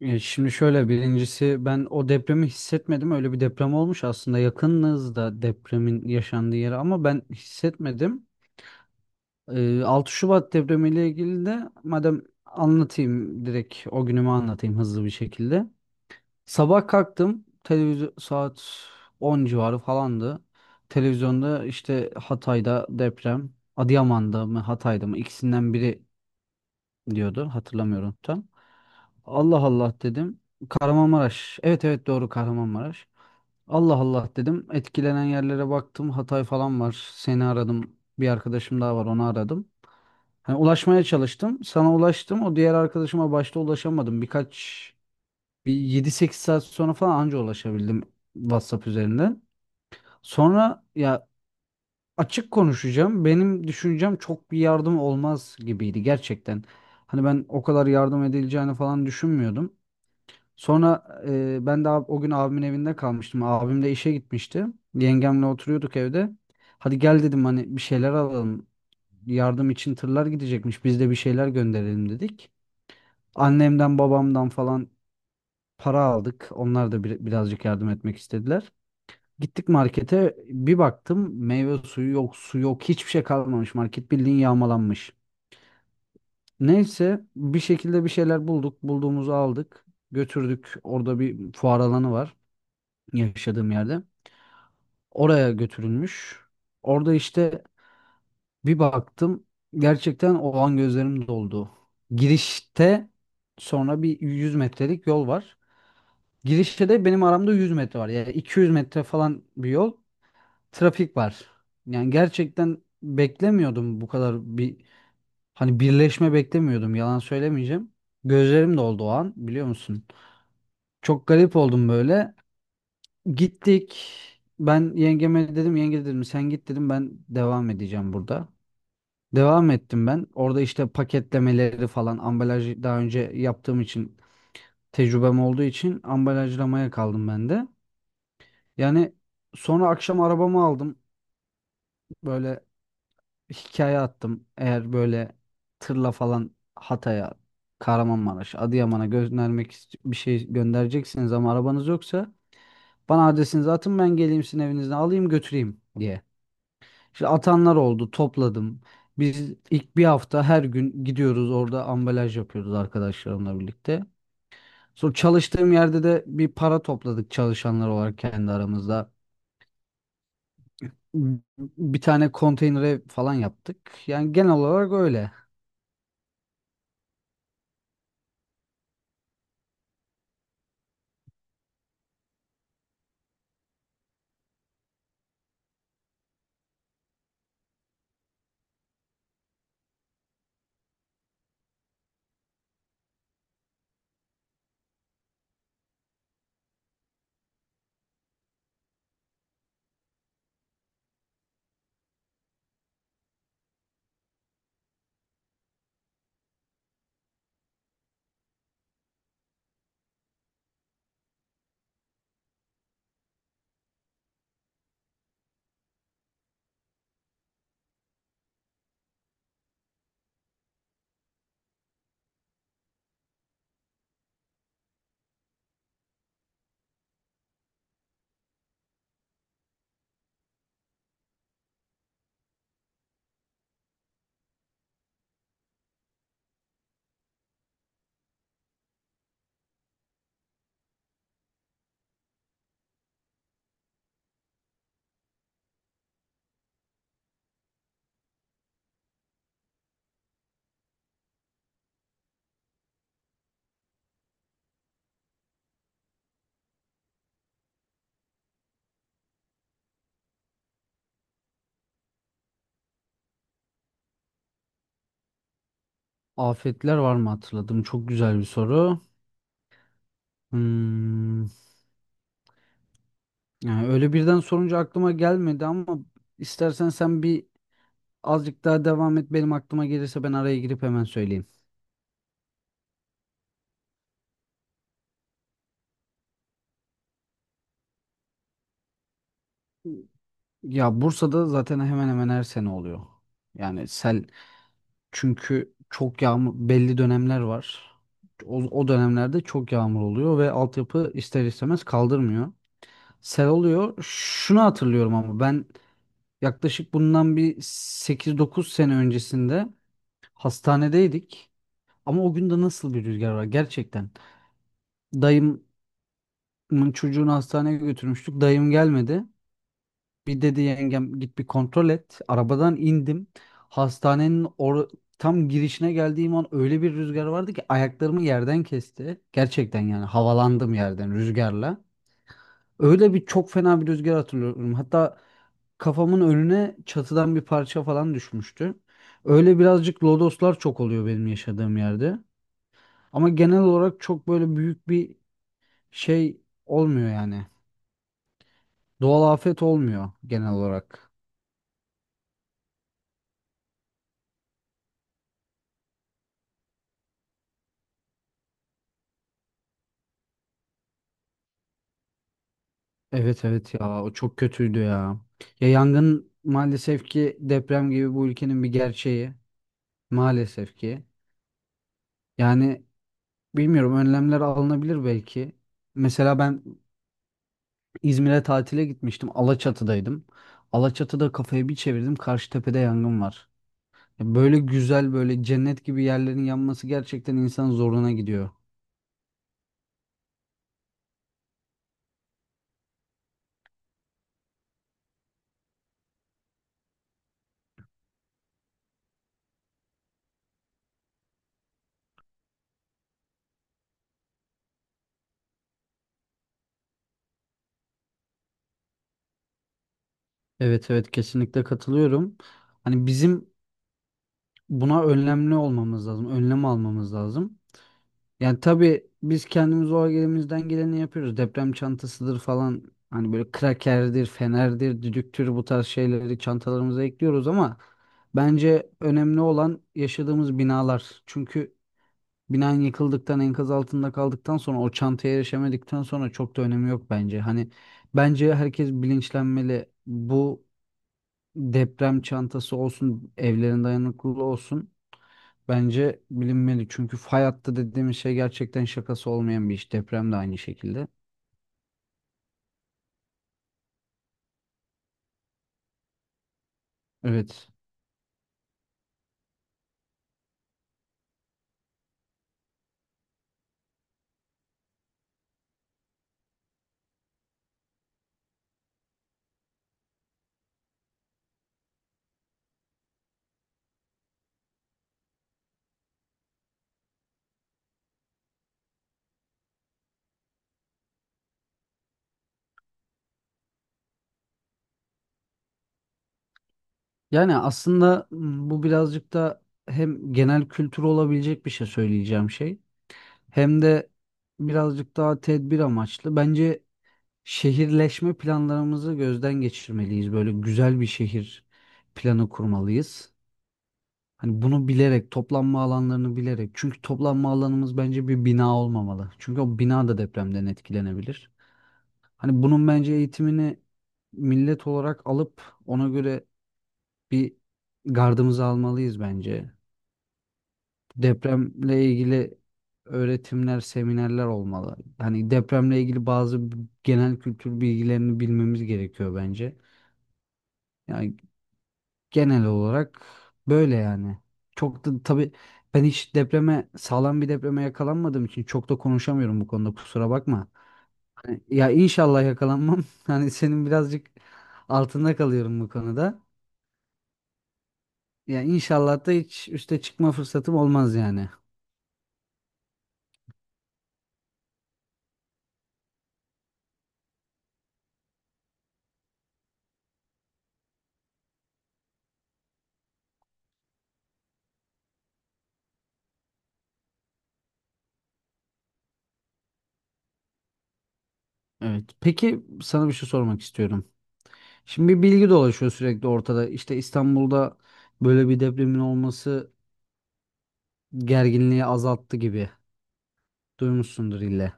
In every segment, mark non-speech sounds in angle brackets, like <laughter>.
Şimdi şöyle birincisi ben o depremi hissetmedim. Öyle bir deprem olmuş aslında yakınız da depremin yaşandığı yere ama ben hissetmedim. 6 Şubat depremiyle ilgili de madem anlatayım direkt o günümü anlatayım hızlı bir şekilde. Sabah kalktım televizyon saat 10 civarı falandı. Televizyonda işte Hatay'da deprem, Adıyaman'da mı Hatay'da mı ikisinden biri diyordu hatırlamıyorum tam. Allah Allah dedim. Kahramanmaraş. Evet evet doğru Kahramanmaraş. Allah Allah dedim. Etkilenen yerlere baktım. Hatay falan var. Seni aradım. Bir arkadaşım daha var onu aradım. Hani ulaşmaya çalıştım. Sana ulaştım. O diğer arkadaşıma başta ulaşamadım. Birkaç bir yedi sekiz saat sonra falan anca ulaşabildim WhatsApp üzerinden. Sonra ya açık konuşacağım. Benim düşüncem çok bir yardım olmaz gibiydi gerçekten. Hani ben o kadar yardım edileceğini falan düşünmüyordum. Sonra ben de o gün abimin evinde kalmıştım. Abim de işe gitmişti. Yengemle oturuyorduk evde. Hadi gel dedim hani bir şeyler alalım. Yardım için tırlar gidecekmiş. Biz de bir şeyler gönderelim dedik. Annemden babamdan falan para aldık. Onlar da birazcık yardım etmek istediler. Gittik markete bir baktım meyve suyu yok, su yok, hiçbir şey kalmamış. Market bildiğin yağmalanmış. Neyse bir şekilde bir şeyler bulduk. Bulduğumuzu aldık. Götürdük. Orada bir fuar alanı var. Yaşadığım yerde. Oraya götürülmüş. Orada işte bir baktım gerçekten o an gözlerim doldu. Girişte sonra bir 100 metrelik yol var. Girişte de benim aramda 100 metre var. Yani 200 metre falan bir yol. Trafik var. Yani gerçekten beklemiyordum bu kadar bir hani birleşme beklemiyordum yalan söylemeyeceğim. Gözlerim doldu o an biliyor musun? Çok garip oldum böyle. Gittik. Ben yengeme dedim yenge dedim sen git dedim ben devam edeceğim burada. Devam ettim ben. Orada işte paketlemeleri falan ambalajı daha önce yaptığım için tecrübem olduğu için ambalajlamaya kaldım ben de. Yani sonra akşam arabamı aldım. Böyle hikaye attım. Eğer böyle tırla falan Hatay'a, Kahramanmaraş, Adıyaman'a göndermek ist- bir şey göndereceksiniz ama arabanız yoksa bana adresinizi atın ben geleyim sizin evinizden alayım götüreyim diye. İşte atanlar oldu, topladım. Biz ilk bir hafta her gün gidiyoruz orada ambalaj yapıyoruz arkadaşlarımla birlikte. Sonra çalıştığım yerde de bir para topladık çalışanlar olarak kendi aramızda. Bir tane konteynere falan yaptık. Yani genel olarak öyle. Afetler var mı hatırladım. Çok güzel bir soru. Hmm, yani öyle birden sorunca aklıma gelmedi ama istersen sen bir azıcık daha devam et. Benim aklıma gelirse ben araya girip hemen söyleyeyim. Ya Bursa'da zaten hemen hemen her sene oluyor. Yani sel çünkü çok yağmur belli dönemler var. O dönemlerde çok yağmur oluyor ve altyapı ister istemez kaldırmıyor. Sel oluyor. Şunu hatırlıyorum ama ben yaklaşık bundan bir sekiz dokuz sene öncesinde hastanedeydik. Ama o gün de nasıl bir rüzgar var gerçekten. Dayımın çocuğunu hastaneye götürmüştük. Dayım gelmedi. Bir dedi yengem git bir kontrol et. Arabadan indim. Hastanenin tam girişine geldiğim an öyle bir rüzgar vardı ki ayaklarımı yerden kesti. Gerçekten yani havalandım yerden rüzgarla. Öyle bir çok fena bir rüzgar hatırlıyorum. Hatta kafamın önüne çatıdan bir parça falan düşmüştü. Öyle birazcık lodoslar çok oluyor benim yaşadığım yerde. Ama genel olarak çok böyle büyük bir şey olmuyor yani. Doğal afet olmuyor genel olarak. Evet evet ya o çok kötüydü ya. Ya yangın maalesef ki deprem gibi bu ülkenin bir gerçeği. Maalesef ki. Yani bilmiyorum önlemler alınabilir belki. Mesela ben İzmir'e tatile gitmiştim. Alaçatı'daydım. Alaçatı'da kafayı bir çevirdim. Karşıtepe'de yangın var. Ya böyle güzel böyle cennet gibi yerlerin yanması gerçekten insanın zoruna gidiyor. Evet evet kesinlikle katılıyorum. Hani bizim buna önlemli olmamız lazım. Önlem almamız lazım. Yani tabii biz kendimiz o elimizden geleni yapıyoruz. Deprem çantasıdır falan. Hani böyle krakerdir, fenerdir, düdüktür bu tarz şeyleri çantalarımıza ekliyoruz ama bence önemli olan yaşadığımız binalar. Çünkü binan yıkıldıktan, enkaz altında kaldıktan sonra o çantaya erişemedikten sonra çok da önemi yok bence. Hani bence herkes bilinçlenmeli. Bu deprem çantası olsun, evlerin dayanıklılığı olsun. Bence bilinmeli çünkü fay hattı dediğimiz şey gerçekten şakası olmayan bir iş. Deprem de aynı şekilde. Evet. Yani aslında bu birazcık da hem genel kültür olabilecek bir şey söyleyeceğim şey hem de birazcık daha tedbir amaçlı. Bence şehirleşme planlarımızı gözden geçirmeliyiz. Böyle güzel bir şehir planı kurmalıyız. Hani bunu bilerek, toplanma alanlarını bilerek. Çünkü toplanma alanımız bence bir bina olmamalı. Çünkü o bina da depremden etkilenebilir. Hani bunun bence eğitimini millet olarak alıp ona göre bir gardımızı almalıyız bence. Depremle ilgili öğretimler, seminerler olmalı. Hani depremle ilgili bazı genel kültür bilgilerini bilmemiz gerekiyor bence. Yani genel olarak böyle yani. Çok da tabii ben hiç depreme, sağlam bir depreme yakalanmadığım için çok da konuşamıyorum bu konuda kusura bakma. Ya inşallah yakalanmam. <laughs> Hani senin birazcık altında kalıyorum bu konuda. Ya inşallah da hiç üste çıkma fırsatım olmaz yani. Evet. Peki sana bir şey sormak istiyorum. Şimdi bir bilgi dolaşıyor sürekli ortada. İşte İstanbul'da böyle bir depremin olması gerginliği azalttı gibi. Duymuşsundur ille.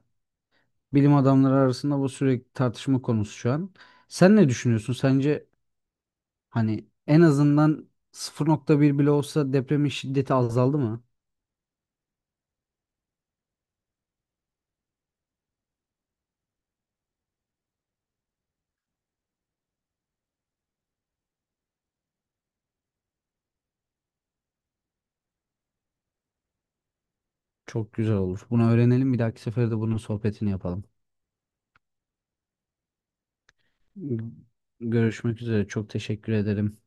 Bilim adamları arasında bu sürekli tartışma konusu şu an. Sen ne düşünüyorsun? Sence hani en azından 0,1 bile olsa depremin şiddeti azaldı mı? Çok güzel olur. Bunu öğrenelim. Bir dahaki sefere de bunun sohbetini yapalım. Görüşmek üzere. Çok teşekkür ederim.